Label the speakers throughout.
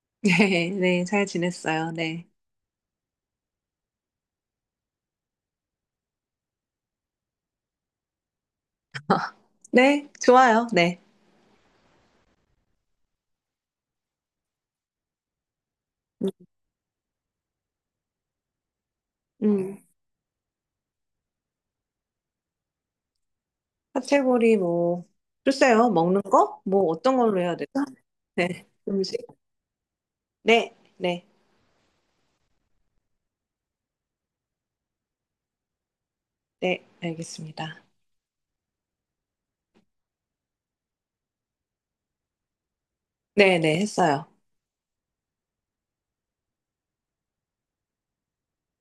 Speaker 1: 네, 네, 잘 지냈어요. 네. 네, 좋아요. 네. 음, 카테고리 뭐, 글쎄요, 먹는 거? 뭐, 어떤 걸로 해야 되죠? 네, 음식. 네, 네, 네, 알겠습니다. 네, 네, 했어요.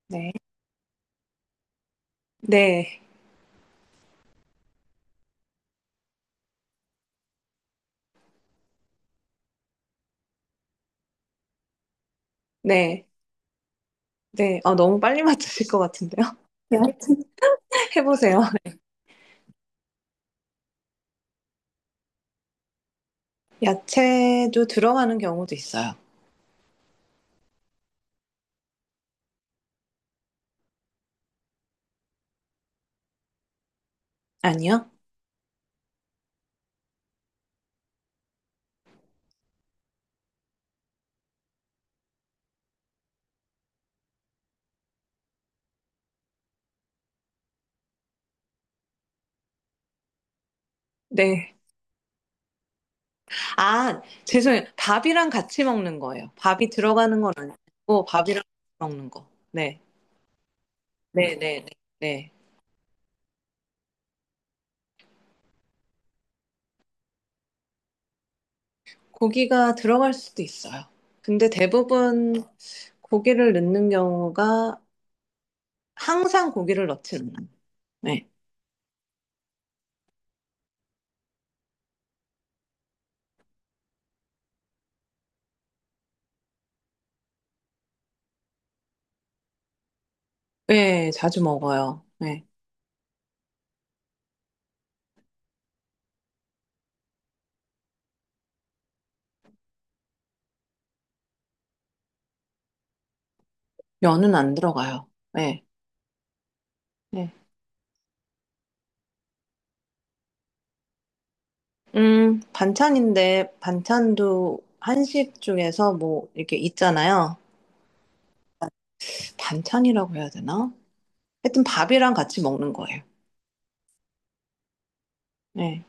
Speaker 1: 네, 네, 네, 네. 아, 너무 빨리 맞추실 것 같은데요? 네, 하여튼 해보세요. 야채도 들어가는 경우도 있어요. 아니요? 네. 아, 죄송해요. 밥이랑 같이 먹는 거예요. 밥이 들어가는 건 아니고, 밥이랑 같이 먹는 거. 네. 네, 네, 네, 네. 고기가 들어갈 수도 있어요. 근데 대부분 고기를 넣는 경우가 항상 고기를 넣지는 않아요. 네. 네, 자주 먹어요. 네. 면은 안 들어가요. 네. 네. 반찬인데 반찬도 한식 중에서 뭐 이렇게 있잖아요. 반찬이라고 해야 되나? 하여튼 밥이랑 같이 먹는 거예요. 네.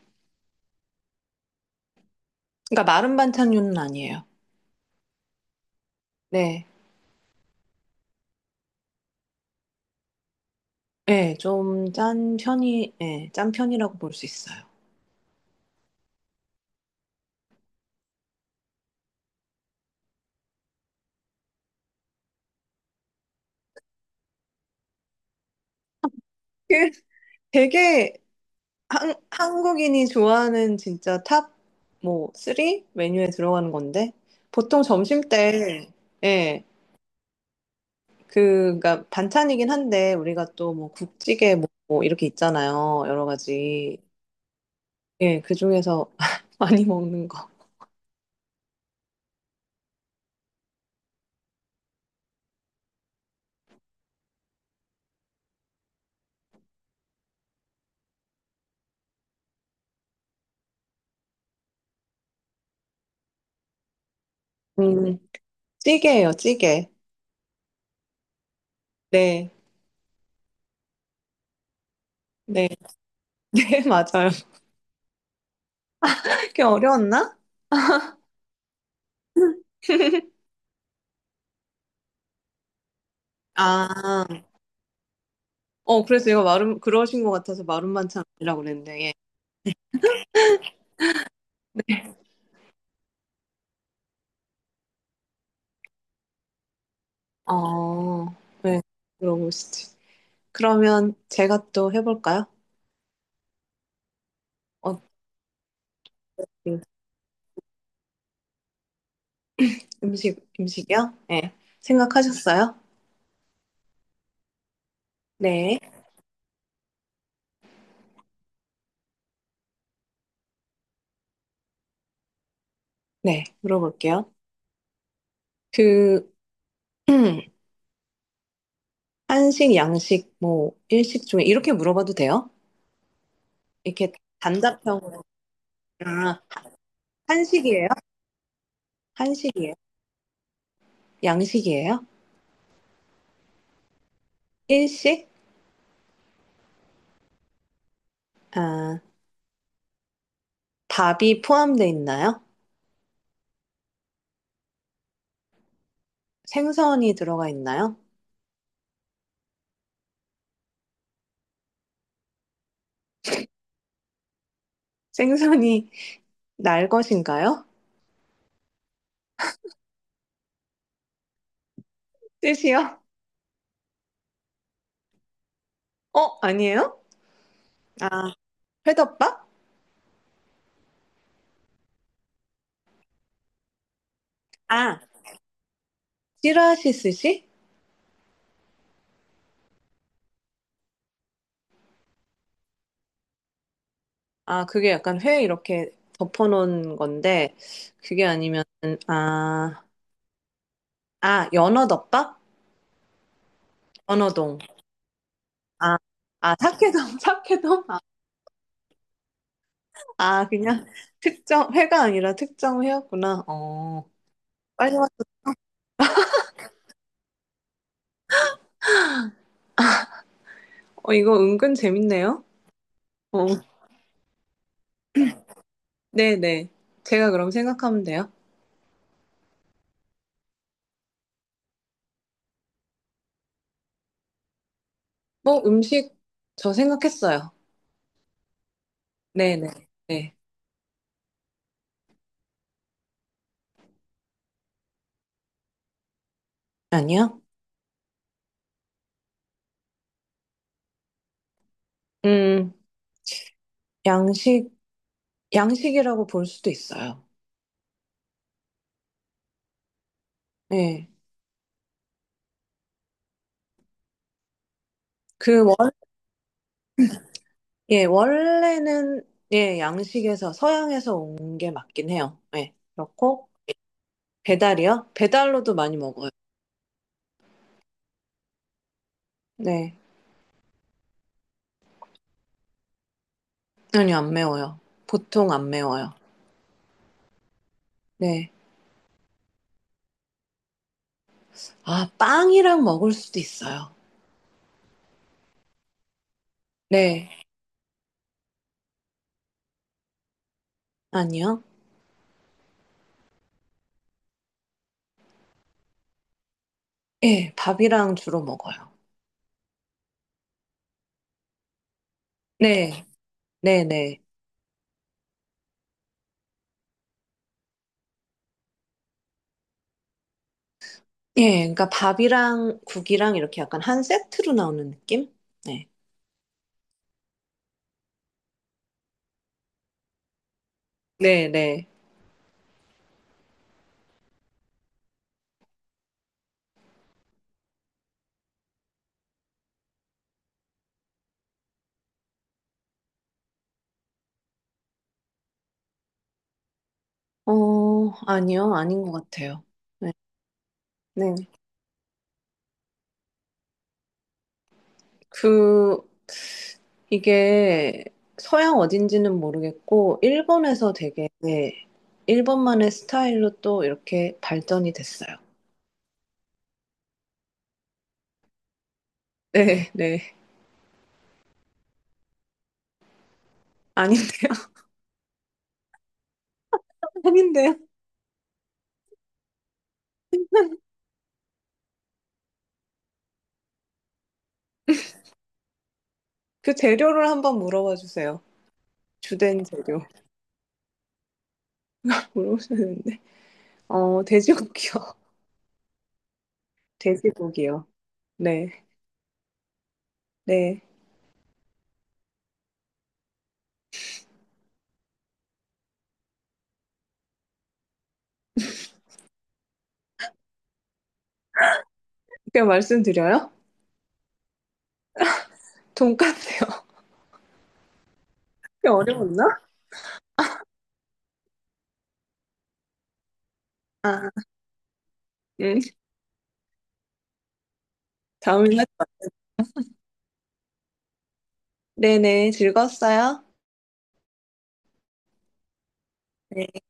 Speaker 1: 그러니까 마른 반찬류는 아니에요. 네. 네, 좀 짠 편이, 네, 짠 편이라고 볼 수 있어요. 그 되게 한국인이 좋아하는 진짜 탑 뭐 쓰리 메뉴에 들어가는 건데 보통 점심 때 예, 그니까 반찬이긴 한데 우리가 또 뭐 국찌개 뭐뭐 이렇게 있잖아요. 여러 가지. 예, 그중에서 많이 먹는 거. 음, 찌개예요, 찌개. 네. 네. 네, 맞아요. 그게 어려웠나? 아, 어, 그래서 이거 마름, 그러신 것 같아서 마름 반찬이라고 그랬는데, 예. 어, 네, 물어보시지. 그러면 제가 또 해볼까요? 어, 음, 음식, 음식이요? 네. 생각하셨어요? 네. 네, 물어볼게요. 그, 한식, 양식, 뭐, 일식 중에 이렇게 물어봐도 돼요? 이렇게 단답형으로. 아, 한식이에요? 한식이에요? 양식이에요? 일식? 아, 밥이 포함되어 있나요? 생선이 들어가 있나요? 생선이 날 것인가요? 뜻이요? 어, 아니에요? 아, 회덮밥? 아, 찌라시 스시? 아, 그게 약간 회 이렇게 덮어놓은 건데, 그게 아니면, 아, 아, 연어덮밥? 연어동. 아, 아, 사케동, 사케동? 아, 아, 그냥 특정, 회가 아니라 특정 회였구나. 어, 빨리 왔어. 어, 이거 은근 재밌네요. 어, 네네. 제가 그럼 생각하면 돼요. 뭐, 음식, 저 생각했어요. 네네. 네. 아니요? 음, 양식, 양식이라고 볼 수도 있어요. 예. 그 원, 예, 원래는 예, 양식에서 서양에서 온 게 맞긴 해요. 예. 그렇고 배달이요? 배달로도 많이 먹어요. 네. 아니요, 안 매워요. 보통 안 매워요. 네. 아, 빵이랑 먹을 수도 있어요. 네. 아니요. 예, 밥이랑 주로 먹어요. 네. 네, 네. 예, 그러니까 밥이랑 국이랑 이렇게 약간 한 세트로 나오는 느낌? 네. 네, 네. 어, 아니요, 아닌 것 같아요. 네. 네. 그, 이게 서양 어딘지는 모르겠고, 일본에서 되게, 네, 일본만의 스타일로 또 이렇게 발전이 됐어요. 네, 네. 아닌데요? 아닌데요? 그 재료를 한번 물어봐 주세요. 주된 재료. 물어보셨는데. 어, 돼지고기요. 돼지고기요. 네, 네. 그냥 말씀드려요? 돈까스요. 그게 어려웠나? 아, 음. 다음에 네네, 즐거웠어요. 네.